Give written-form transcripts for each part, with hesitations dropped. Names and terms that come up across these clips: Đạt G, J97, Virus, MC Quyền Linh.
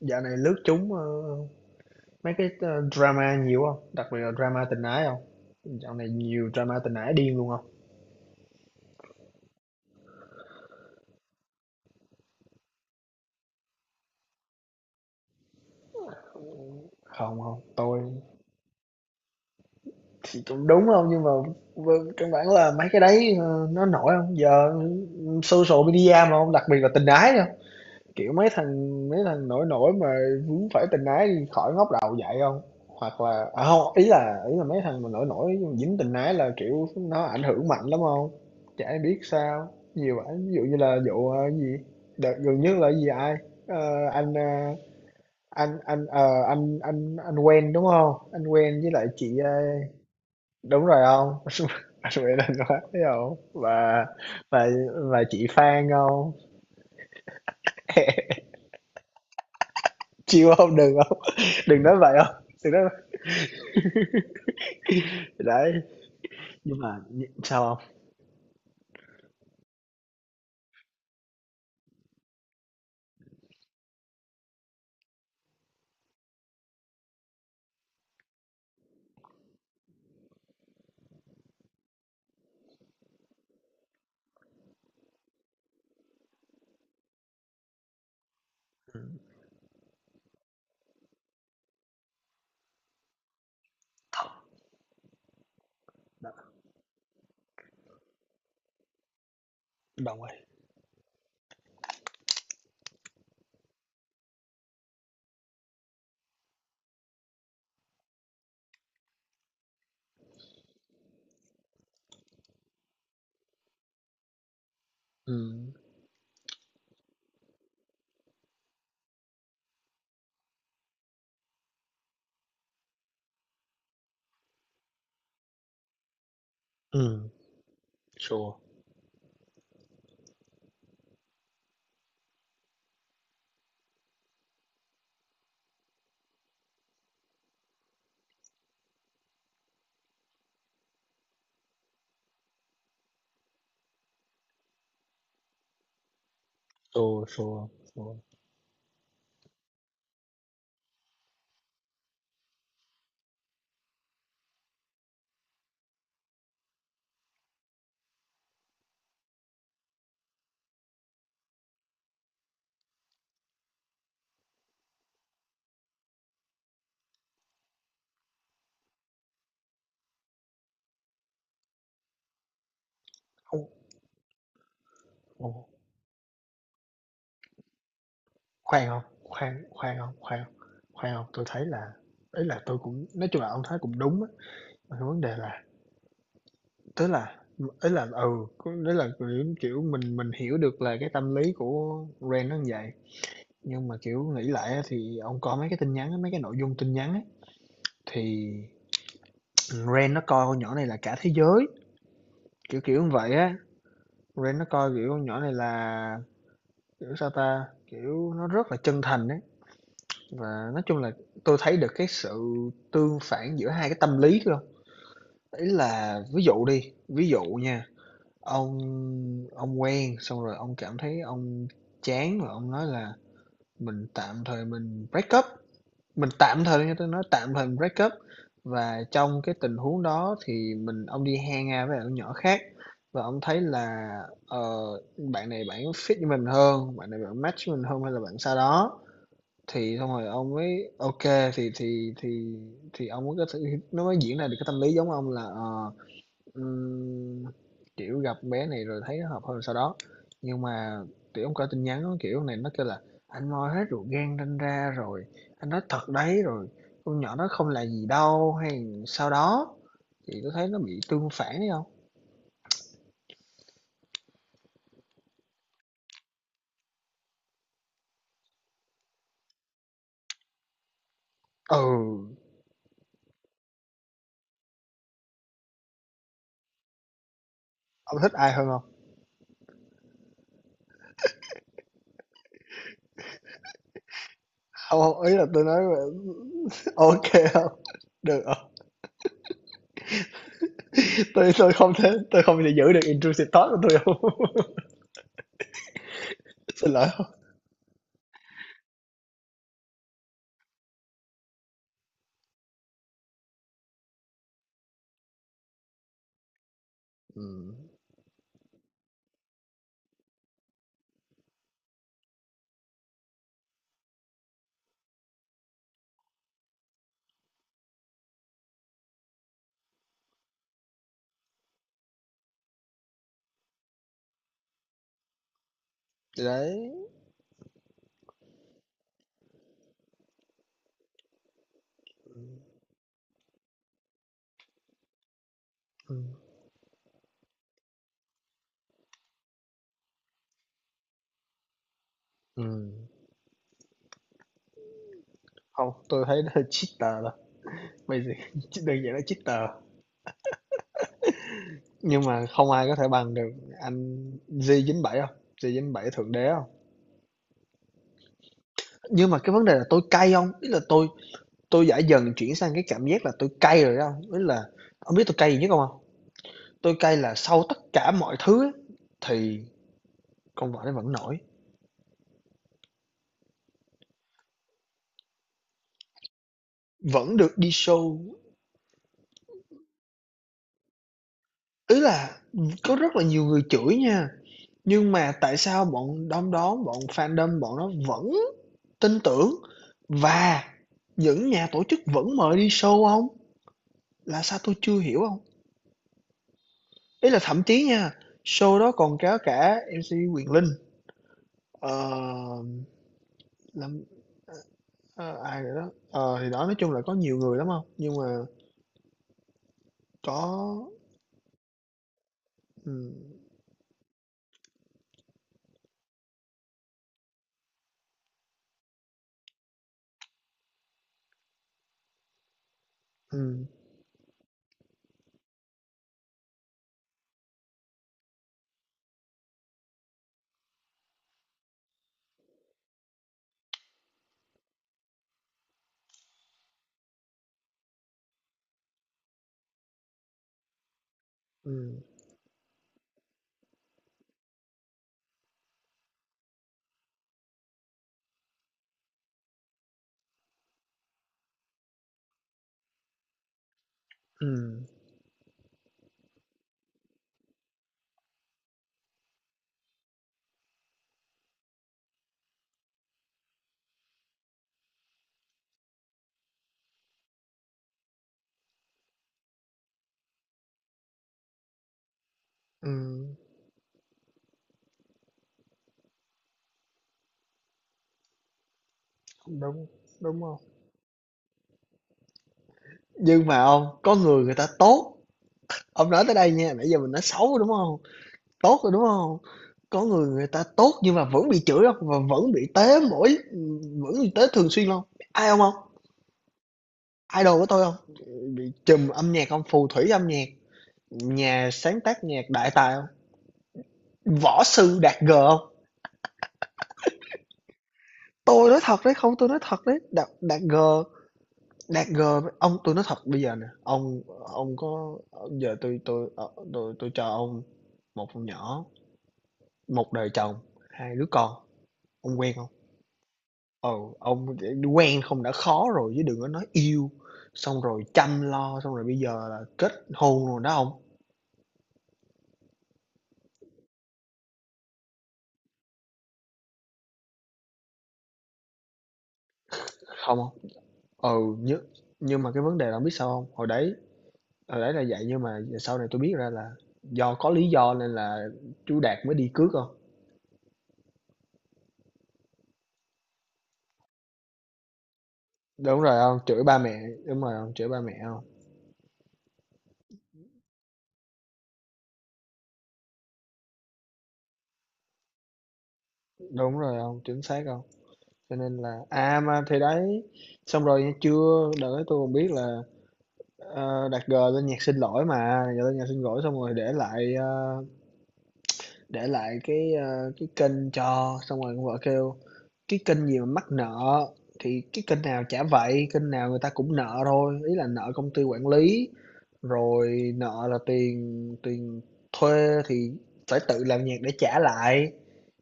Dạo này lướt chúng mấy cái drama nhiều không? Đặc biệt là drama tình ái không? Dạo này nhiều drama tình ái điên luôn không? Không, không, tôi thì cũng đúng không, nhưng mà căn bản là mấy cái đấy nó nổi không? Giờ social media mà không, đặc biệt là tình ái. Kiểu mấy thằng nổi nổi mà vướng phải tình ái đi khỏi ngóc đầu dậy không? Hoặc là à, hông, ý là mấy thằng mà nổi nổi dính tình ái là, kiểu, nó ảnh hưởng mạnh lắm không? Chả ai biết sao, nhiều ảnh ví dụ như là vụ, cái gì, đợt gần nhất là cái gì ai, ờ, anh, a, anh anh, ờ, anh quen, đúng không? Anh quen với lại chị, a, đúng rồi không? Anh quen anh quá thấy hông? Và và chị Phan không? Chịu không? Đừng không? Đừng nói vậy không? Đừng nói vậy. Đấy, nhưng mà sao không? Ừm, đ đồng ý. Ừm, ừm, sure, sure, sure, sure. Không, ồ, khoan không, khoan khoan không, khoan không, khoan không, tôi thấy là, ý là tôi cũng nói chung là ông thấy cũng đúng á, mà cái vấn đề là, tức là, có nghĩa là, kiểu, kiểu, mình hiểu được là cái tâm lý của Ren nó như vậy, nhưng mà, kiểu, nghĩ lại á thì ông có mấy cái tin nhắn á, mấy cái nội dung tin nhắn á, thì Ren nó coi con nhỏ này là cả thế giới, kiểu kiểu như vậy á. Ren nó coi, kiểu, con nhỏ này là, kiểu, sao ta, kiểu, nó rất là chân thành ấy. Và nói chung là tôi thấy được cái sự tương phản giữa hai cái tâm lý luôn. Ý là ví dụ đi, ví dụ nha, ông ông quen xong rồi ông cảm thấy ông chán rồi ông nói là mình tạm thời mình break up. Mình tạm thời, nghe tôi nói, tạm thời mình break up, và trong cái tình huống đó thì mình ông đi hang ra với lại nhỏ khác, và ông thấy là, ờ, bạn này bạn fit với mình hơn, bạn này bạn match với mình hơn hay là bạn sao đó. Thì xong rồi ông mới ok, thì thì thì thì ông mới có thể, nó mới diễn ra được cái tâm lý giống ông là, Ừm, kiểu, gặp bé này rồi thấy nó hợp hơn sau đó, nhưng mà, kiểu, ông coi tin nhắn á, kiểu, này nó kêu là "Anh moi hết ruột gan ranh ra rồi, anh nói thật đấy, rồi con nhỏ nó không là gì đâu" hay sau đó, thì tui thấy nó bị tương phản thấy không? Ừ, ông thích ai hơn không? Hông, hông, ý là tôi nói ok không? Được hông? Tôi không thế, tôi không thể giữ được intrusive thought của tôi không. Xin lỗi không. Ừm, thì đấy, ừm, ừm. Không, tôi thấy nó hơi cheater thôi bây giờ. Đơn giản là cheater, nhưng mà không ai có thể bằng được anh J97 không, J97 thượng đế không, nhưng mà cái vấn đề là tôi cay không, ý là tôi đã dần chuyển sang cái cảm giác là tôi cay rồi đó không, ý là ông biết tôi cay gì nhất không không? Tôi cay là sau tất cả mọi thứ ấy, thì con vợ nó vẫn nổi, vẫn được đi show. Ý là có rất là nhiều người chửi nha, nhưng mà tại sao bọn đom đóm bọn fandom bọn nó vẫn tin tưởng, và những nhà tổ chức vẫn mời đi show ông, là sao tôi chưa hiểu không? Ý là thậm chí nha, show đó còn có cả MC Quyền Linh, ờ, làm ờ, ai rồi đó. Ờ, thì đó, nói chung là có nhiều người lắm không, nhưng mà có ừm, ừm, ừm, ừm, ừm, đúng, đúng không? Nhưng mà ông, có người người ta tốt, ông nói tới đây nha, nãy giờ mình nói xấu, đúng không? Tốt rồi, đúng không? Có người người ta tốt nhưng mà vẫn bị chửi không? Và vẫn bị tế mỗi, vẫn bị tế thường xuyên hông? Ai không hông? Idol của tôi không? Bị trùm âm nhạc không? Phù thủy âm nhạc, nhà sáng tác nhạc đại tài không? Võ sư Đạt G không? Tôi nói thật đấy, không, tôi nói thật đấy, Đạt Đạt G, Đạt G, ông tôi nói thật bây giờ nè, ông có, giờ tôi, tôi cho ông một con nhỏ, một đời chồng, 2 đứa con, ông quen không? Ừ, ông quen không đã khó rồi chứ đừng có nói yêu, xong rồi chăm lo, xong rồi bây giờ là kết hôn rồi đó ông. Không, không, ừ, nhưng mà cái vấn đề là ông biết sao hông? Hồi đấy là vậy nhưng mà sau này tôi biết ra là do có lý do nên là chú Đạt mới đi cướp không. Đúng rồi ông, chửi ba mẹ, đúng rồi ông, chửi ba mẹ không. Đúng rồi ông, chính xác không. Cho nên là à, mà thì đấy, xong rồi nghe chưa, đợi tôi còn biết là, Đạt G lên nhạc xin lỗi mà, Đạt G lên nhạc xin lỗi xong rồi để lại, a, để lại cái, ơ, cái kênh cho, xong rồi con vợ kêu: "Cái kênh gì mà mắc nợ, thì cái kênh nào chả vậy, kênh nào người ta cũng nợ thôi." Ý là nợ công ty quản lý, rồi nợ là tiền tiền thuê thì phải tự làm nhạc để trả lại.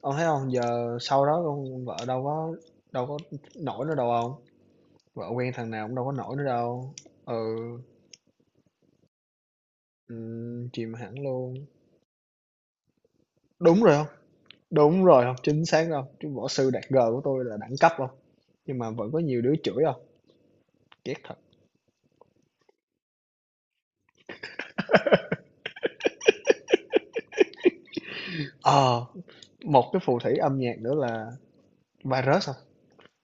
Ông thấy không? Giờ sau đó con vợ đâu có nổi nữa đâu không, vợ quen thằng nào cũng đâu có nổi nữa đâu. Ừ, chìm hẳn luôn. Đúng rồi không? Đúng rồi, không chính xác đâu, chứ võ sư Đạt G của tôi là đẳng cấp không, nhưng mà vẫn có nhiều đứa chửi không, ghét thật. Ờ, một cái phù thủy âm nhạc nữa là Virus hông,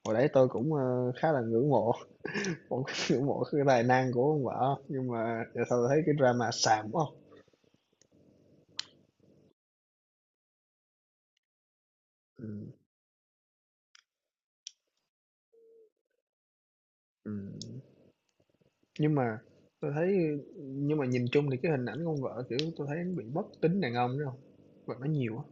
hồi đấy tôi cũng, ơ, khá là ngưỡng mộ, cũng ngưỡng mộ cái tài năng của ông vợ, không? Nhưng mà giờ sau thấy cái drama xàm quá hông. Ừm, ừm, nhưng mà tôi thấy, nhưng mà nhìn chung thì cái hình ảnh con vợ, kiểu, tôi thấy nó bị bất tính đàn ông đó không, và nó nhiều á.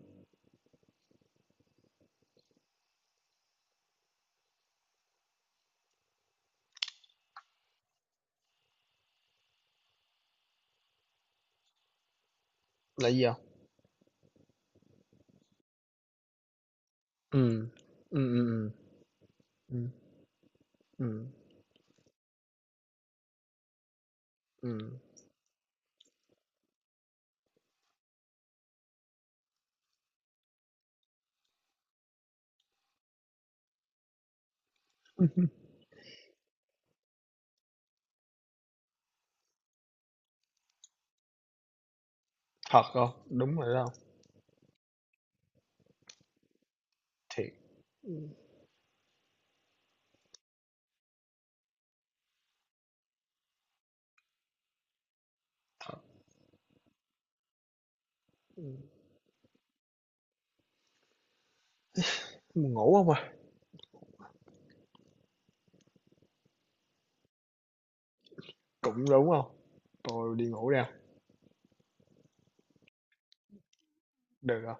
Là gì không? Ừm, ừm, ừm, ừm, ừm, ừm, ừm, thật không? Đúng rồi đó. Thiệt, ừm, thật, ừm, ngủ không à? Cũng đúng không. Tôi đi ngủ đây, được hông?